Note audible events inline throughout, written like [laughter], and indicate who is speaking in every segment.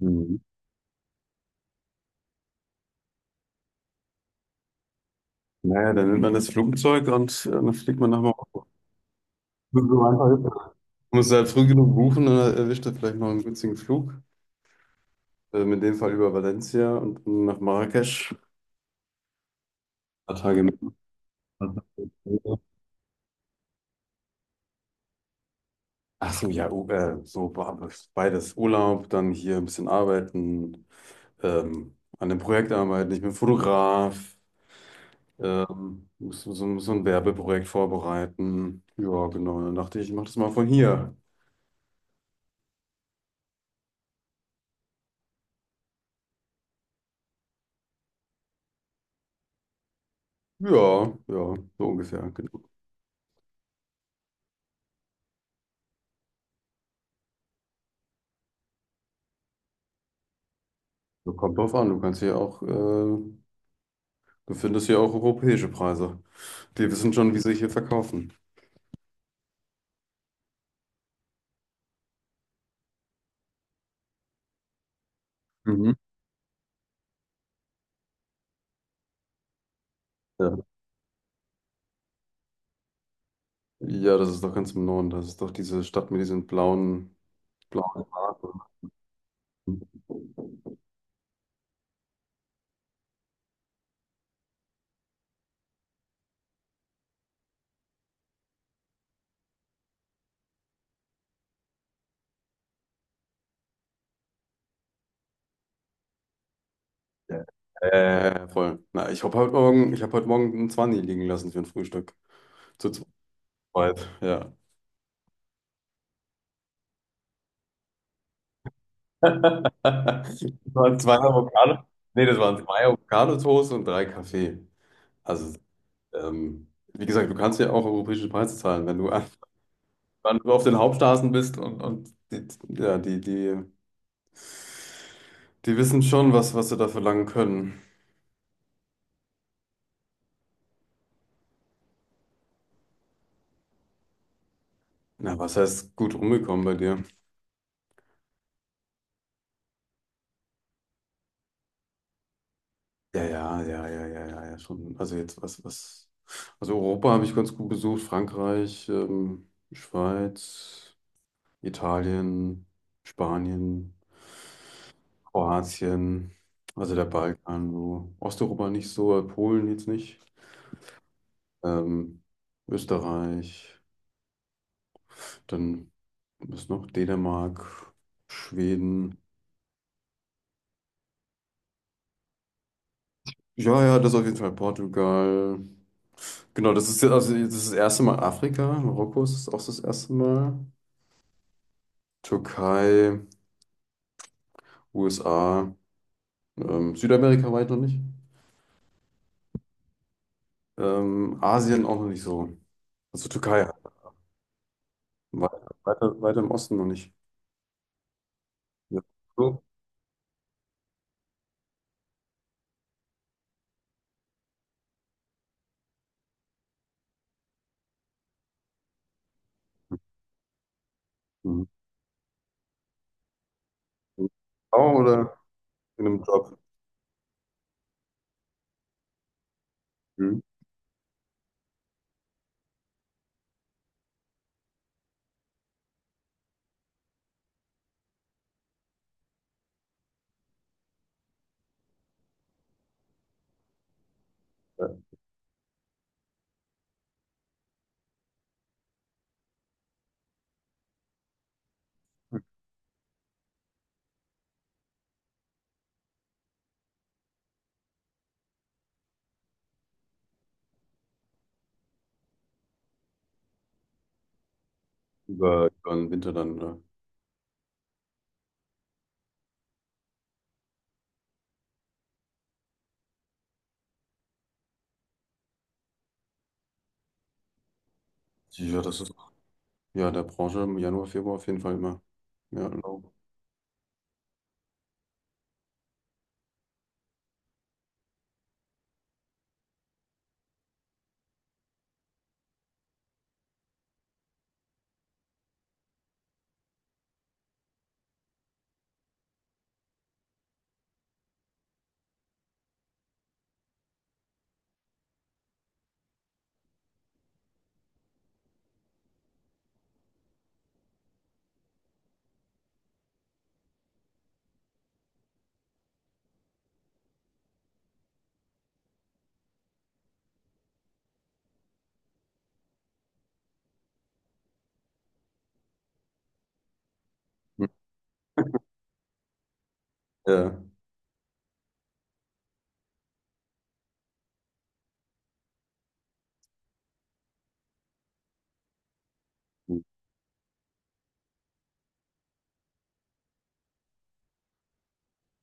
Speaker 1: Mhm. Dann nimmt man das Flugzeug und dann fliegt man nach Marokko. Ist das. Muss halt früh genug buchen, dann erwischt er vielleicht noch einen günstigen Flug. In dem Fall über Valencia und dann nach Marrakesch. Ein paar Tage mit. Ach so, ja, beides. Urlaub, dann hier ein bisschen arbeiten, an dem Projekt arbeiten. Ich bin Fotograf, muss so ein Werbeprojekt vorbereiten. Ja, genau. Dann dachte ich, ich mache das mal von hier. Ja, ja, so ungefähr, genau. So, kommt drauf an, du kannst hier auch, du findest hier auch europäische Preise. Die wissen schon, wie sie sich hier verkaufen. Mhm. Ja. Ja, das ist doch ganz im Norden. Das ist doch diese Stadt mit diesen blauen Haaren. Ja. Voll. Na, ich habe heute Morgen einen 20 liegen lassen für ein Frühstück. Zu zweit, ja. [laughs] Das waren zwei Avocado. Nee, das waren zwei Avocado-Toast und drei Kaffee. Also, ähm, wie gesagt, du kannst ja auch europäische Preise zahlen, wenn du [laughs] wenn du auf den Hauptstraßen bist und die, ja, die, die, die wissen schon, was sie da verlangen können. Na, was heißt gut rumgekommen bei dir? Ja, ja, ja, ja, ja, ja, ja, schon. Also jetzt, was. Also Europa habe ich ganz gut besucht, Frankreich, Schweiz, Italien, Spanien, Kroatien, also der Balkan, so. Osteuropa nicht so, Polen jetzt nicht. Ähm, Österreich. Dann was noch? Dänemark, Schweden. Ja, ja, das auf jeden Fall. Portugal. Genau, das ist jetzt, also jetzt ist das erste Mal Afrika. Marokko ist auch das erste Mal. Türkei, USA, Südamerika weit noch nicht. Asien auch noch nicht so. Also Türkei halt. Weiter im Osten noch nicht. Ja. So. Mhm. Auch oder in einem Job? Mhm. Ja, über, den Winter dann, oder? Ja, das ist. Ja, in der Branche im Januar, Februar auf jeden Fall immer. Ja, Laub. Hm. Ja. Hm.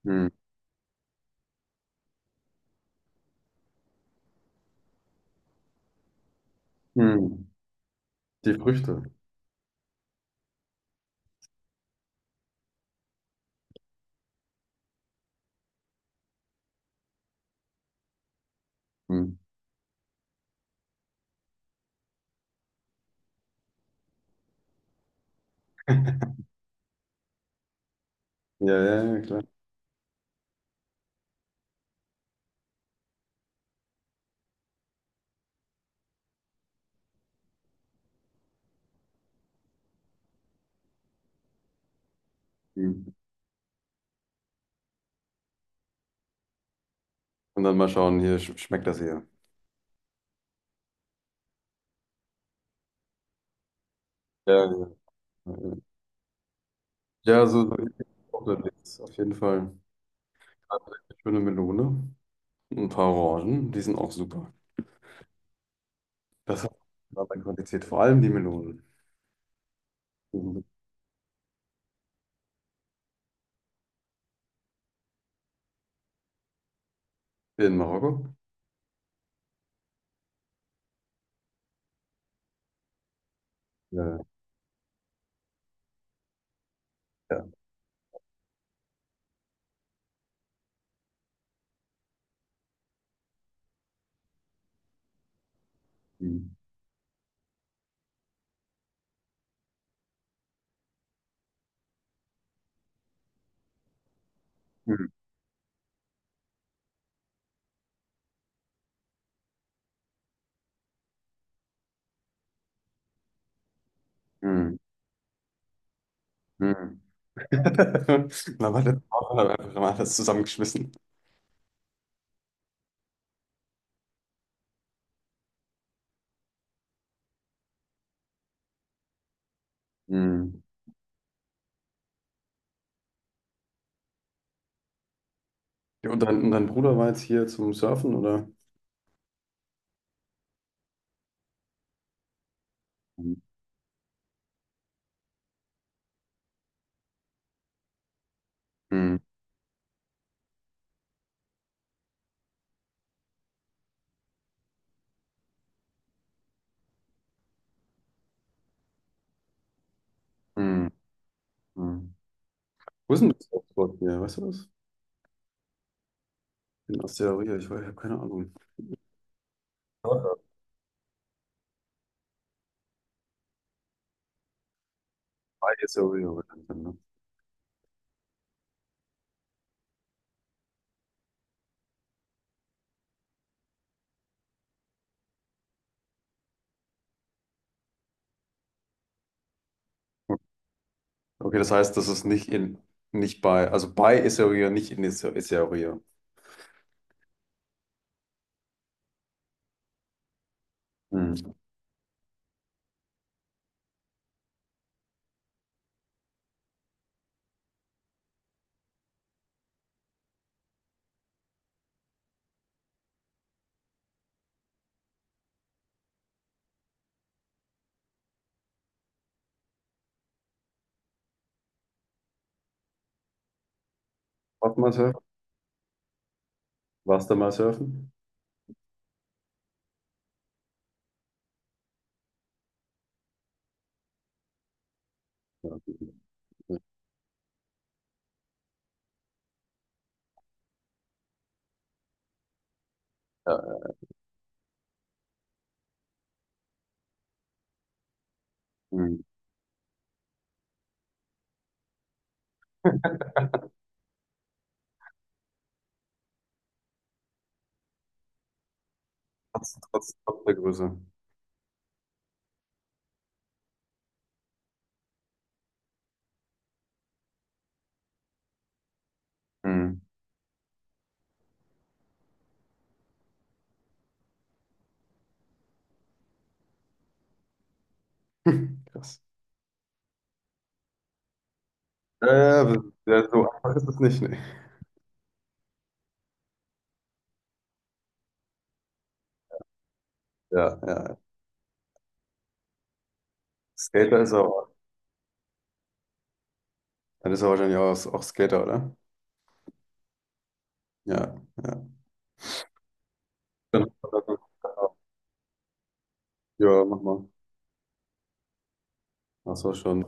Speaker 1: Hm. Hm. Die Früchte. Hm. [laughs] Ja, ja, ja, klar. Hm. Und dann mal schauen, hier sch schmeckt das hier. Ja, ja, ja. Ja, so, so auch unterwegs, auf jeden Fall. Eine schöne Melone, ein paar Orangen, die sind auch super. Das hat eine andere Qualität, vor allem die Melonen. Mhm. In Marokko? Ja, ja. Hm. Hm. Hm. Hm. [laughs] Man hat jetzt einfach mal alles zusammengeschmissen. Mhm. Ja, und dein Bruder war jetzt hier zum Surfen, oder? Mhm. Mhm. Mhm. Mhm. Wo ist denn das Surfboard hier? Weißt du das? In Asteria, ich weiß, ich habe keine Ahnung. Oder? Bei Asteria bekannt, ne? Okay, das heißt, das ist nicht bei, also bei Asteria, nicht in Asteria. Mhm. Warst du mal surfen? Warst du mal surfen? Ja, ja, ja. Mhm. Trotz der Größe. Mhm. [laughs] Krass. Ja, ja, ja, so einfach ist es nicht, ne? Ja. Ja, Skater ist er. Dann ist er wahrscheinlich auch Skater, oder? Ja, ja. Dann- ja, mach mal. Ach so, schon.